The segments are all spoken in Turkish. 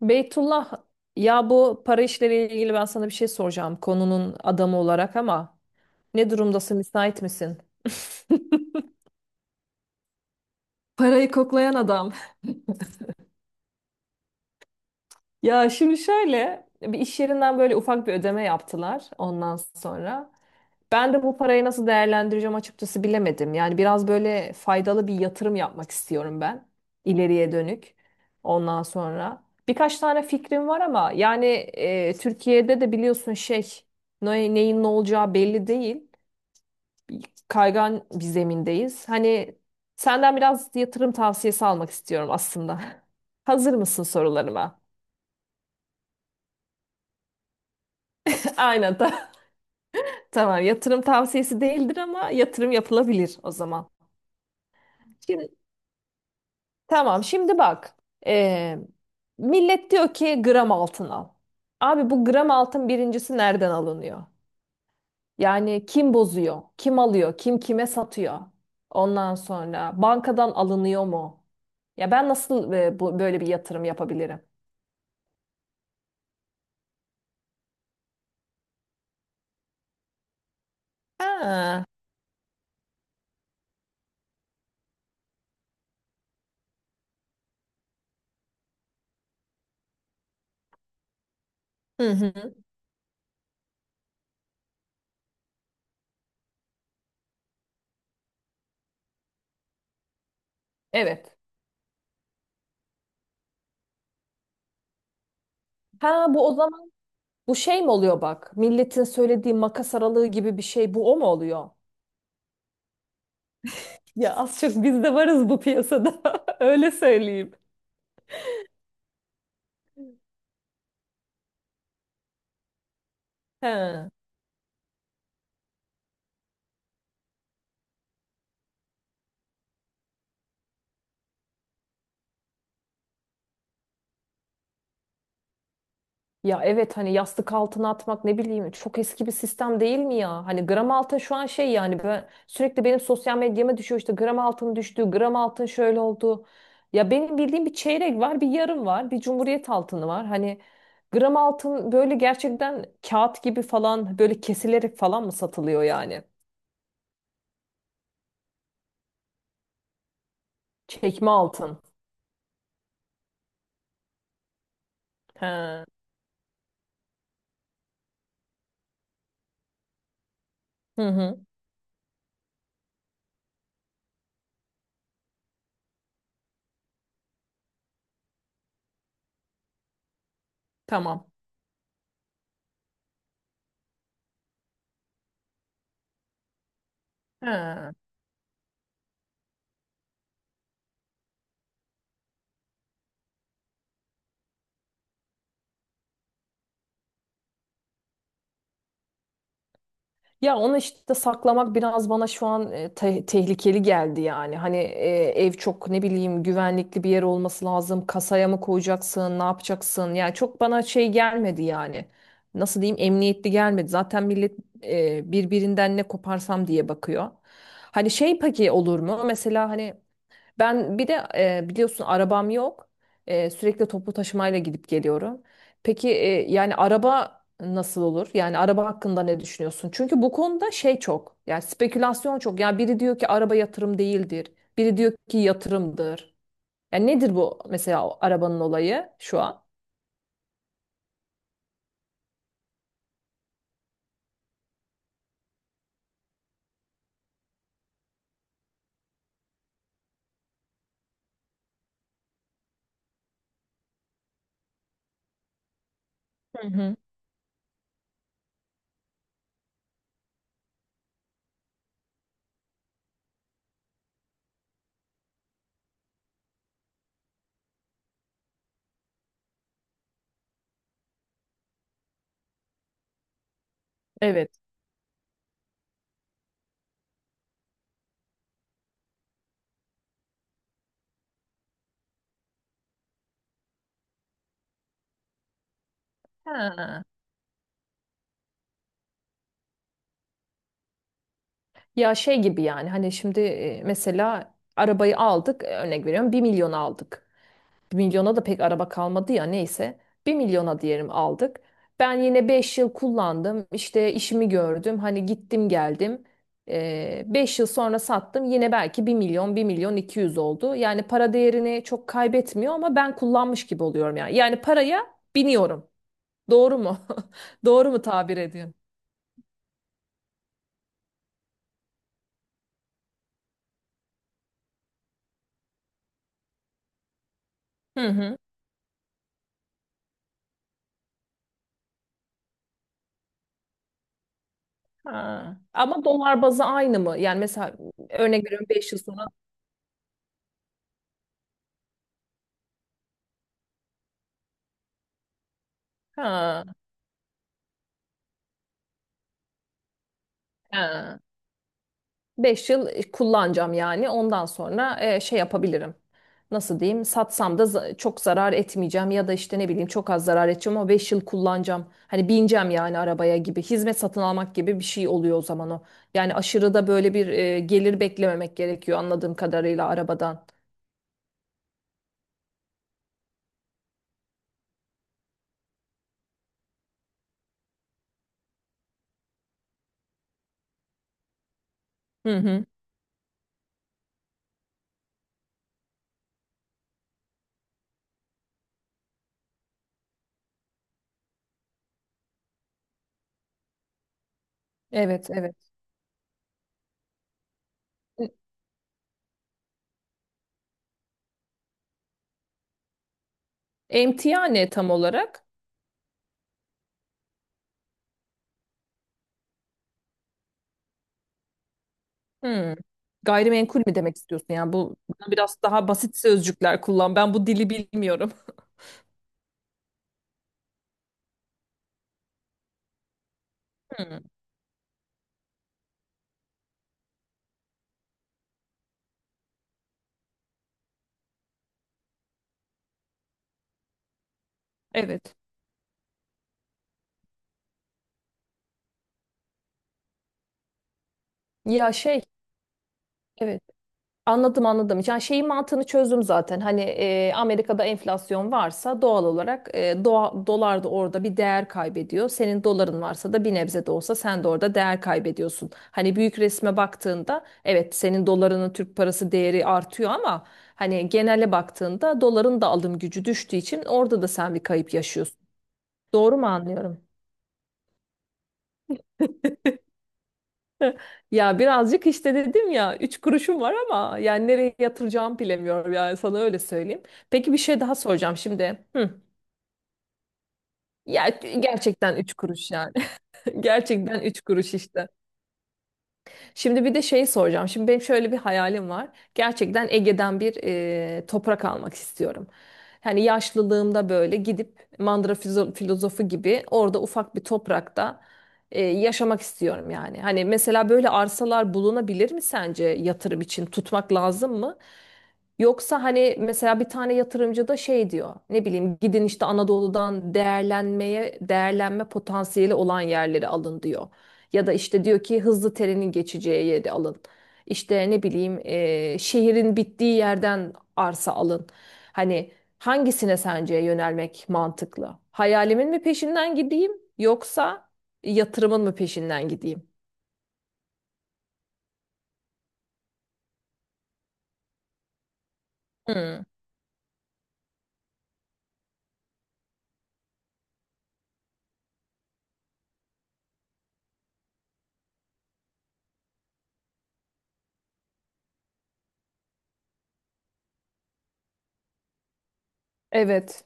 Beytullah, ya bu para işleriyle ilgili ben sana bir şey soracağım konunun adamı olarak ama ne durumdasın, müsait misin? Parayı koklayan adam. Ya şimdi şöyle, bir iş yerinden böyle ufak bir ödeme yaptılar ondan sonra. Ben de bu parayı nasıl değerlendireceğim açıkçası bilemedim. Yani biraz böyle faydalı bir yatırım yapmak istiyorum ben, ileriye dönük. Ondan sonra birkaç tane fikrim var ama yani Türkiye'de de biliyorsun şey, neyin ne olacağı belli değil. Bir kaygan bir zemindeyiz. Hani senden biraz yatırım tavsiyesi almak istiyorum aslında. Hazır mısın sorularıma? Aynen. Tamam, yatırım tavsiyesi değildir ama yatırım yapılabilir o zaman. Şimdi, tamam, şimdi bak. Ee, millet diyor ki gram altın al. Abi bu gram altın birincisi nereden alınıyor? Yani kim bozuyor? Kim alıyor? Kim kime satıyor? Ondan sonra bankadan alınıyor mu? Ya ben nasıl bu, böyle bir yatırım yapabilirim? Ha. Hı hı. Evet. Ha, bu o zaman bu şey mi oluyor bak? Milletin söylediği makas aralığı gibi bir şey bu, o mu oluyor? Ya az çok biz de varız bu piyasada. Öyle söyleyeyim. He. Ya evet, hani yastık altına atmak, ne bileyim, çok eski bir sistem değil mi ya? Hani gram altın şu an şey, yani ben sürekli benim sosyal medyama düşüyor, işte gram altın düştü, gram altın şöyle oldu. Ya benim bildiğim bir çeyrek var, bir yarım var, bir cumhuriyet altını var. Hani gram altın böyle gerçekten kağıt gibi falan, böyle kesilerek falan mı satılıyor yani? Çekme altın. He. Hı hı. Tamam. He. Ya onu işte saklamak biraz bana şu an tehlikeli geldi yani. Hani ev çok, ne bileyim, güvenlikli bir yer olması lazım. Kasaya mı koyacaksın, ne yapacaksın? Yani çok bana şey gelmedi yani. Nasıl diyeyim, emniyetli gelmedi. Zaten millet birbirinden ne koparsam diye bakıyor. Hani şey, peki olur mu? Mesela hani ben bir de biliyorsun arabam yok. Sürekli toplu taşımayla gidip geliyorum. Peki yani araba nasıl olur? Yani araba hakkında ne düşünüyorsun? Çünkü bu konuda şey çok. Yani spekülasyon çok. Yani biri diyor ki araba yatırım değildir. Biri diyor ki yatırımdır. Yani nedir bu mesela o arabanın olayı şu an? Hı hı. Evet. Ha. Ya şey gibi, yani hani şimdi mesela arabayı aldık, örnek veriyorum, bir milyon aldık. 1 milyona da pek araba kalmadı ya, neyse. Bir milyona diyelim aldık. Ben yine 5 yıl kullandım. İşte işimi gördüm. Hani gittim geldim. Beş yıl sonra sattım. Yine belki bir milyon, bir milyon 200 oldu. Yani para değerini çok kaybetmiyor ama ben kullanmış gibi oluyorum yani. Yani paraya biniyorum. Doğru mu? Doğru mu tabir ediyorum? Hı hı. Ha. Ama dolar bazı aynı mı? Yani mesela örnek veriyorum 5 yıl sonra. Ha. Ha. 5 yıl kullanacağım yani. Ondan sonra şey yapabilirim. Nasıl diyeyim? Satsam da çok zarar etmeyeceğim ya da işte ne bileyim çok az zarar edeceğim ama 5 yıl kullanacağım. Hani bineceğim yani arabaya gibi. Hizmet satın almak gibi bir şey oluyor o zaman o. Yani aşırı da böyle bir gelir beklememek gerekiyor anladığım kadarıyla arabadan. Hı hı. Evet, evet. Emtia ne tam olarak? Hı. Gayrimenkul mi demek istiyorsun? Yani bu biraz daha basit sözcükler kullan. Ben bu dili bilmiyorum. Hı. Evet. Ya şey, evet, anladım anladım. Yani şeyin mantığını çözdüm zaten. Hani Amerika'da enflasyon varsa doğal olarak dolar da orada bir değer kaybediyor. Senin doların varsa da bir nebze de olsa sen de orada değer kaybediyorsun. Hani büyük resme baktığında evet, senin dolarının Türk parası değeri artıyor ama hani genele baktığında doların da alım gücü düştüğü için orada da sen bir kayıp yaşıyorsun. Doğru mu anlıyorum? Ya birazcık, işte dedim ya, üç kuruşum var ama yani nereye yatıracağımı bilemiyorum, yani sana öyle söyleyeyim. Peki bir şey daha soracağım şimdi. Hı. Ya gerçekten üç kuruş yani. Gerçekten üç kuruş işte. Şimdi bir de şeyi soracağım. Şimdi benim şöyle bir hayalim var. Gerçekten Ege'den bir toprak almak istiyorum. Hani yaşlılığımda böyle gidip Mandıra filozofu gibi orada ufak bir toprakta yaşamak istiyorum yani. Hani mesela böyle arsalar bulunabilir mi, sence yatırım için tutmak lazım mı? Yoksa hani mesela bir tane yatırımcı da şey diyor. Ne bileyim, gidin işte Anadolu'dan değerlenme potansiyeli olan yerleri alın diyor. Ya da işte diyor ki hızlı trenin geçeceği yeri alın. İşte ne bileyim şehrin bittiği yerden arsa alın. Hani hangisine sence yönelmek mantıklı? Hayalimin mi peşinden gideyim yoksa yatırımın mı peşinden gideyim? Hmm, evet.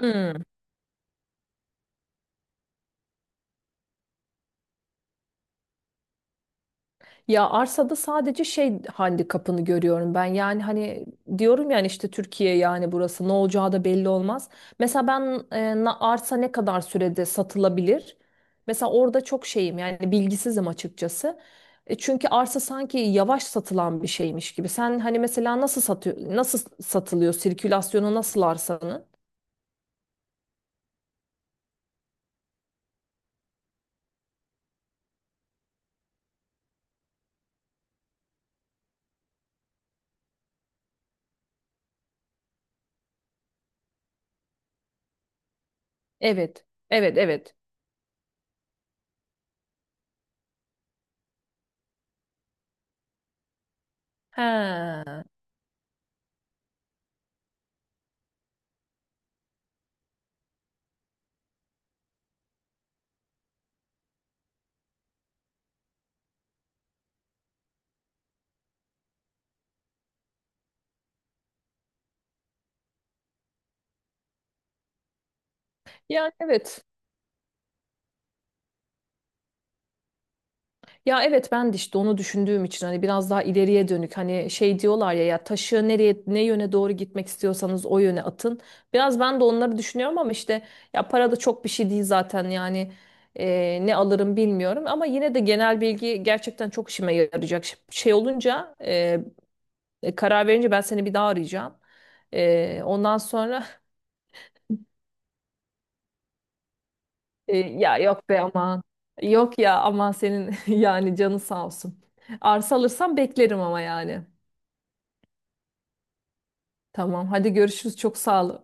Hmm. Ya arsada sadece şey, handikapını görüyorum ben. Yani hani diyorum yani işte Türkiye, yani burası ne olacağı da belli olmaz. Mesela ben arsa ne kadar sürede satılabilir? Mesela orada çok şeyim, yani bilgisizim açıkçası. Çünkü arsa sanki yavaş satılan bir şeymiş gibi. Sen hani mesela nasıl satıyor, nasıl satılıyor, sirkülasyonu nasıl arsanın? Evet. Evet, evet. He. Yani evet. Ya evet, ben de işte onu düşündüğüm için hani biraz daha ileriye dönük, hani şey diyorlar ya, ya taşı nereye, ne yöne doğru gitmek istiyorsanız o yöne atın. Biraz ben de onları düşünüyorum ama işte ya para da çok bir şey değil zaten yani ne alırım bilmiyorum ama yine de genel bilgi gerçekten çok işime yarayacak. Şey olunca karar verince ben seni bir daha arayacağım. Ondan sonra ya yok be aman, yok ya aman senin yani canın sağ olsun. Arsa alırsam beklerim ama yani. Tamam. Hadi görüşürüz. Çok sağ ol.